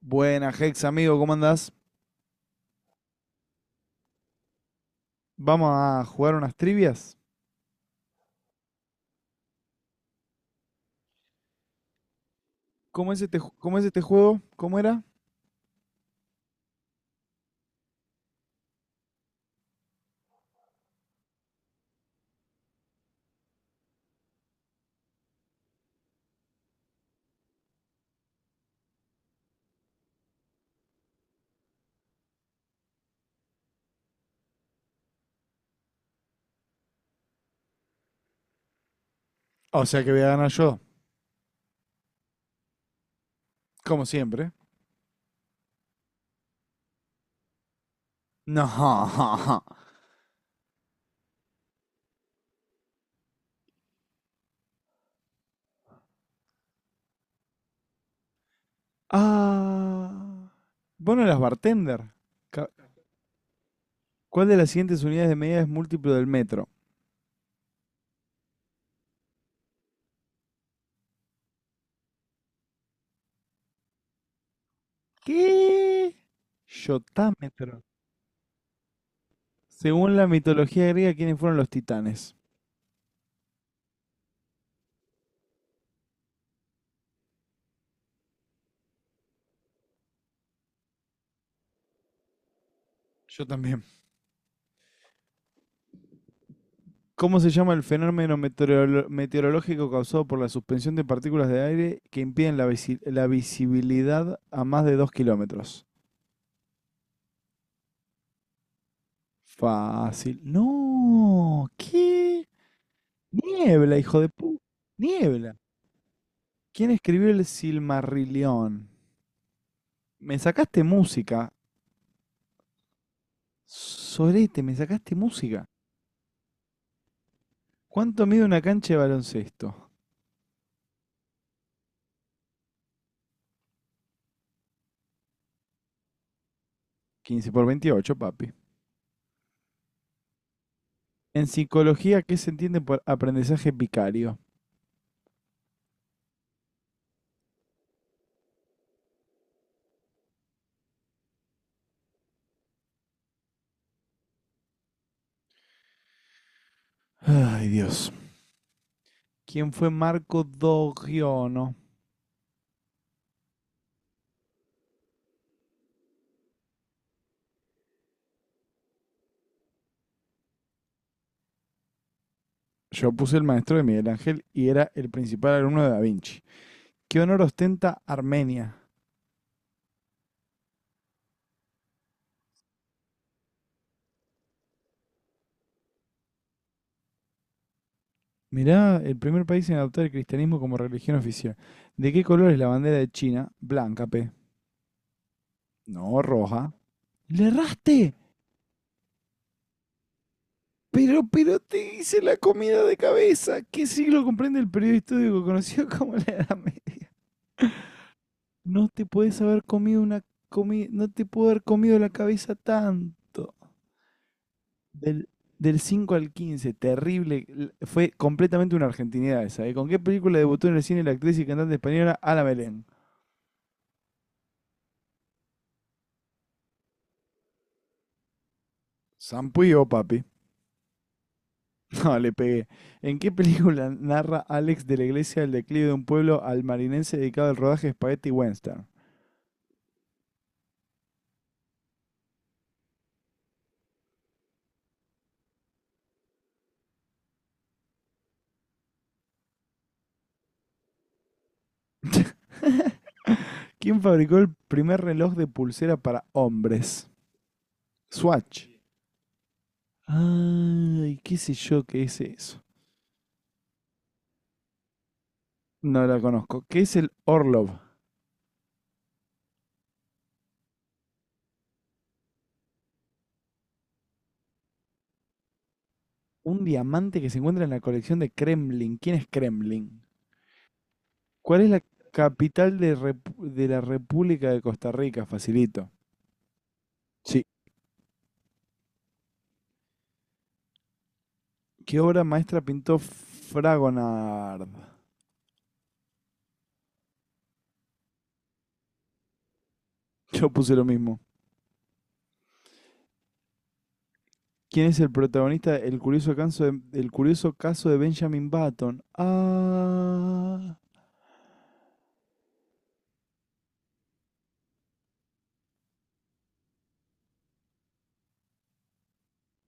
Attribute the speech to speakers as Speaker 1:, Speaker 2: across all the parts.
Speaker 1: Buena, Hex, amigo, ¿cómo andás? Vamos a jugar unas trivias. ¿Cómo es este juego? ¿Cómo era? O sea que voy a ganar yo, como siempre. No. Ah. Vos no eras bartender. Ca- ¿Cuál de las siguientes unidades de medida es múltiplo del metro? ¿Qué? Yotámetro. Según la mitología griega, ¿quiénes fueron los titanes? Yo también. ¿Cómo se llama el fenómeno meteorológico causado por la suspensión de partículas de aire que impiden la visibilidad a más de 2 kilómetros? Fácil. No, ¿qué? Niebla, hijo de pu... Niebla. ¿Quién escribió el Silmarillion? Me sacaste música. Sorete, me sacaste música. ¿Cuánto mide una cancha de baloncesto? 15 por 28, papi. En psicología, ¿qué se entiende por aprendizaje vicario? Ay, Dios. ¿Quién fue Marco Dogiono? Yo puse el maestro de Miguel Ángel y era el principal alumno de Da Vinci. ¿Qué honor ostenta Armenia? Mirá, el primer país en adoptar el cristianismo como religión oficial. ¿De qué color es la bandera de China? Blanca, P. No, roja. ¡Le erraste! Pero te hice la comida de cabeza. ¿Qué siglo comprende el periodo histórico conocido como la Edad Media? No te puedes haber comido una comida. No te puedo haber comido la cabeza tanto. Del, del 5 al 15, terrible. Fue completamente una argentinidad esa, ¿eh? ¿Con qué película debutó en el cine la actriz y cantante española Ana Belén? Sampuyo, papi. No, le pegué. ¿En qué película narra Alex de la Iglesia el declive de un pueblo almarinense dedicado al rodaje de Spaghetti Western? ¿Quién fabricó el primer reloj de pulsera para hombres? Swatch. Ay, qué sé yo qué es eso. No la conozco. ¿Qué es el Orlov? Un diamante que se encuentra en la colección de Kremlin. ¿Quién es Kremlin? ¿Cuál es la capital de la República de Costa Rica? Facilito. Sí. ¿Qué obra maestra pintó Fragonard? Yo puse lo mismo. ¿Quién es el protagonista del curioso caso de Benjamin Button? Ah,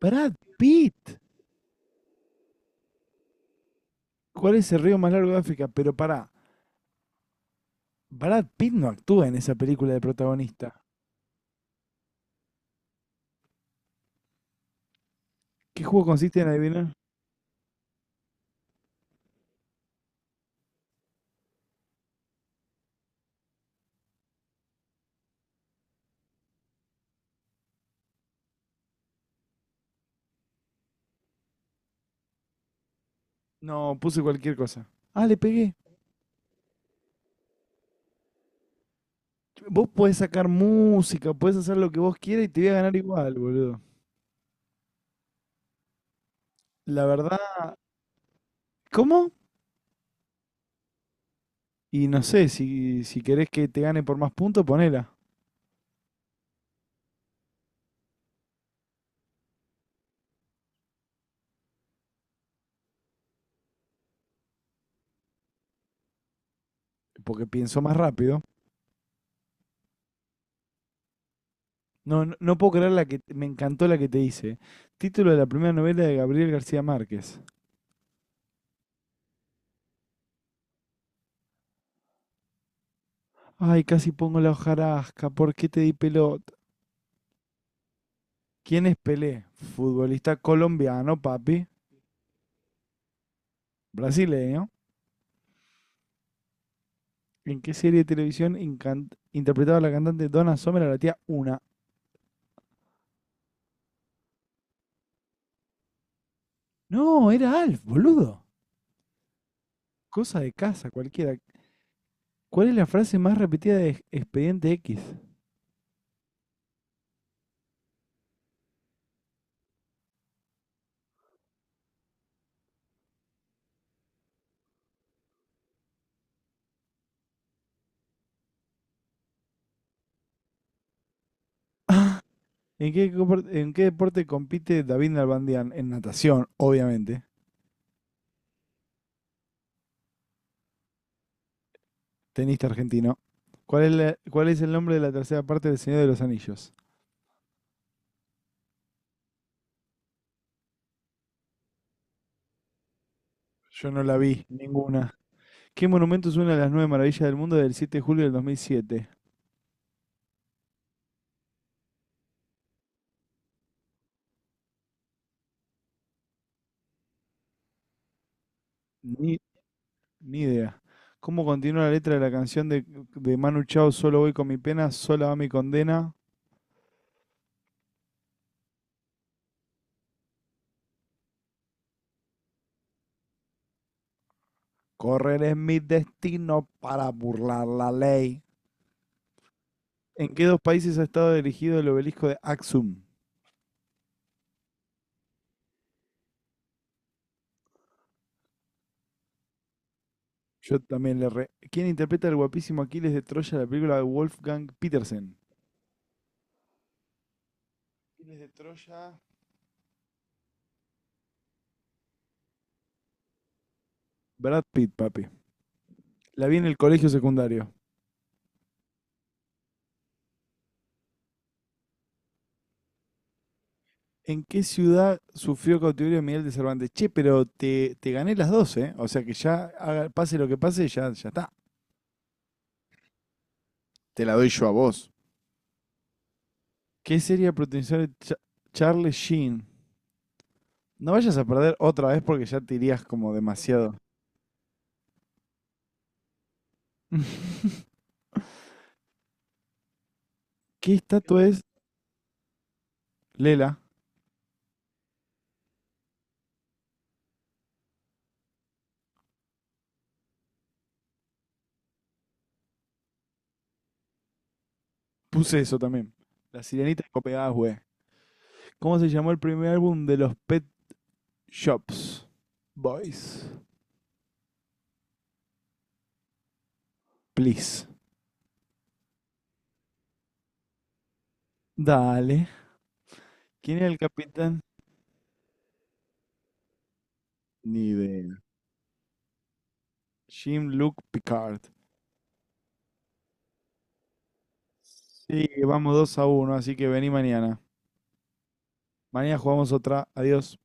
Speaker 1: Brad Pitt. ¿Cuál es el río más largo de África? Pero pará, Brad Pitt no actúa en esa película de protagonista. ¿Qué juego consiste en adivinar? No, puse cualquier cosa. Ah, le pegué. Vos podés sacar música, podés hacer lo que vos quieras y te voy a ganar igual, boludo. La verdad, ¿cómo? Y no sé, si querés que te gane por más puntos, ponela. Porque pienso más rápido. No, no, no puedo creer la que me encantó la que te hice. Título de la primera novela de Gabriel García Márquez. Ay, casi pongo la hojarasca. ¿Por qué te di pelota? ¿Quién es Pelé? Futbolista colombiano, papi. Brasileño. ¿En qué serie de televisión interpretaba la cantante Donna Summer a la tía Una? No, era Alf, boludo. Cosa de casa, cualquiera. ¿Cuál es la frase más repetida de Expediente X? ¿En qué deporte compite David Nalbandian? En natación, obviamente. Tenista argentino. ¿Cuál es el nombre de la tercera parte del Señor de los Anillos? Yo no la vi, ninguna. ¿Qué monumento es una de las nueve maravillas del mundo del 7 de julio del 2007? Ni Ni idea. ¿Cómo continúa la letra de la canción de Manu Chao? Solo voy con mi pena, sola va mi condena. Correr es mi destino para burlar la ley. ¿En qué dos países ha estado dirigido el obelisco de Axum? Yo también le re... ¿Quién interpreta al guapísimo Aquiles de Troya en la película de Wolfgang Petersen? Aquiles de Troya. Brad Pitt, papi. La vi en el colegio secundario. ¿En qué ciudad sufrió cautiverio Miguel de Cervantes? Che, pero te gané las dos, ¿eh? O sea que ya pase lo que pase, ya, ya está. Te la doy yo a vos. ¿Qué sería protagonizar Charlie Sheen? No vayas a perder otra vez porque ya te irías como demasiado. ¿Qué estatua es Lela? Puse eso también. La sirenita de Copenhague. ¿Cómo se llamó el primer álbum de los Pet Shops? Boys. Please. Dale. ¿Quién era el capitán? Ni idea. Jim Luke Picard. Sí, vamos 2-1, así que vení mañana. Mañana jugamos otra. Adiós.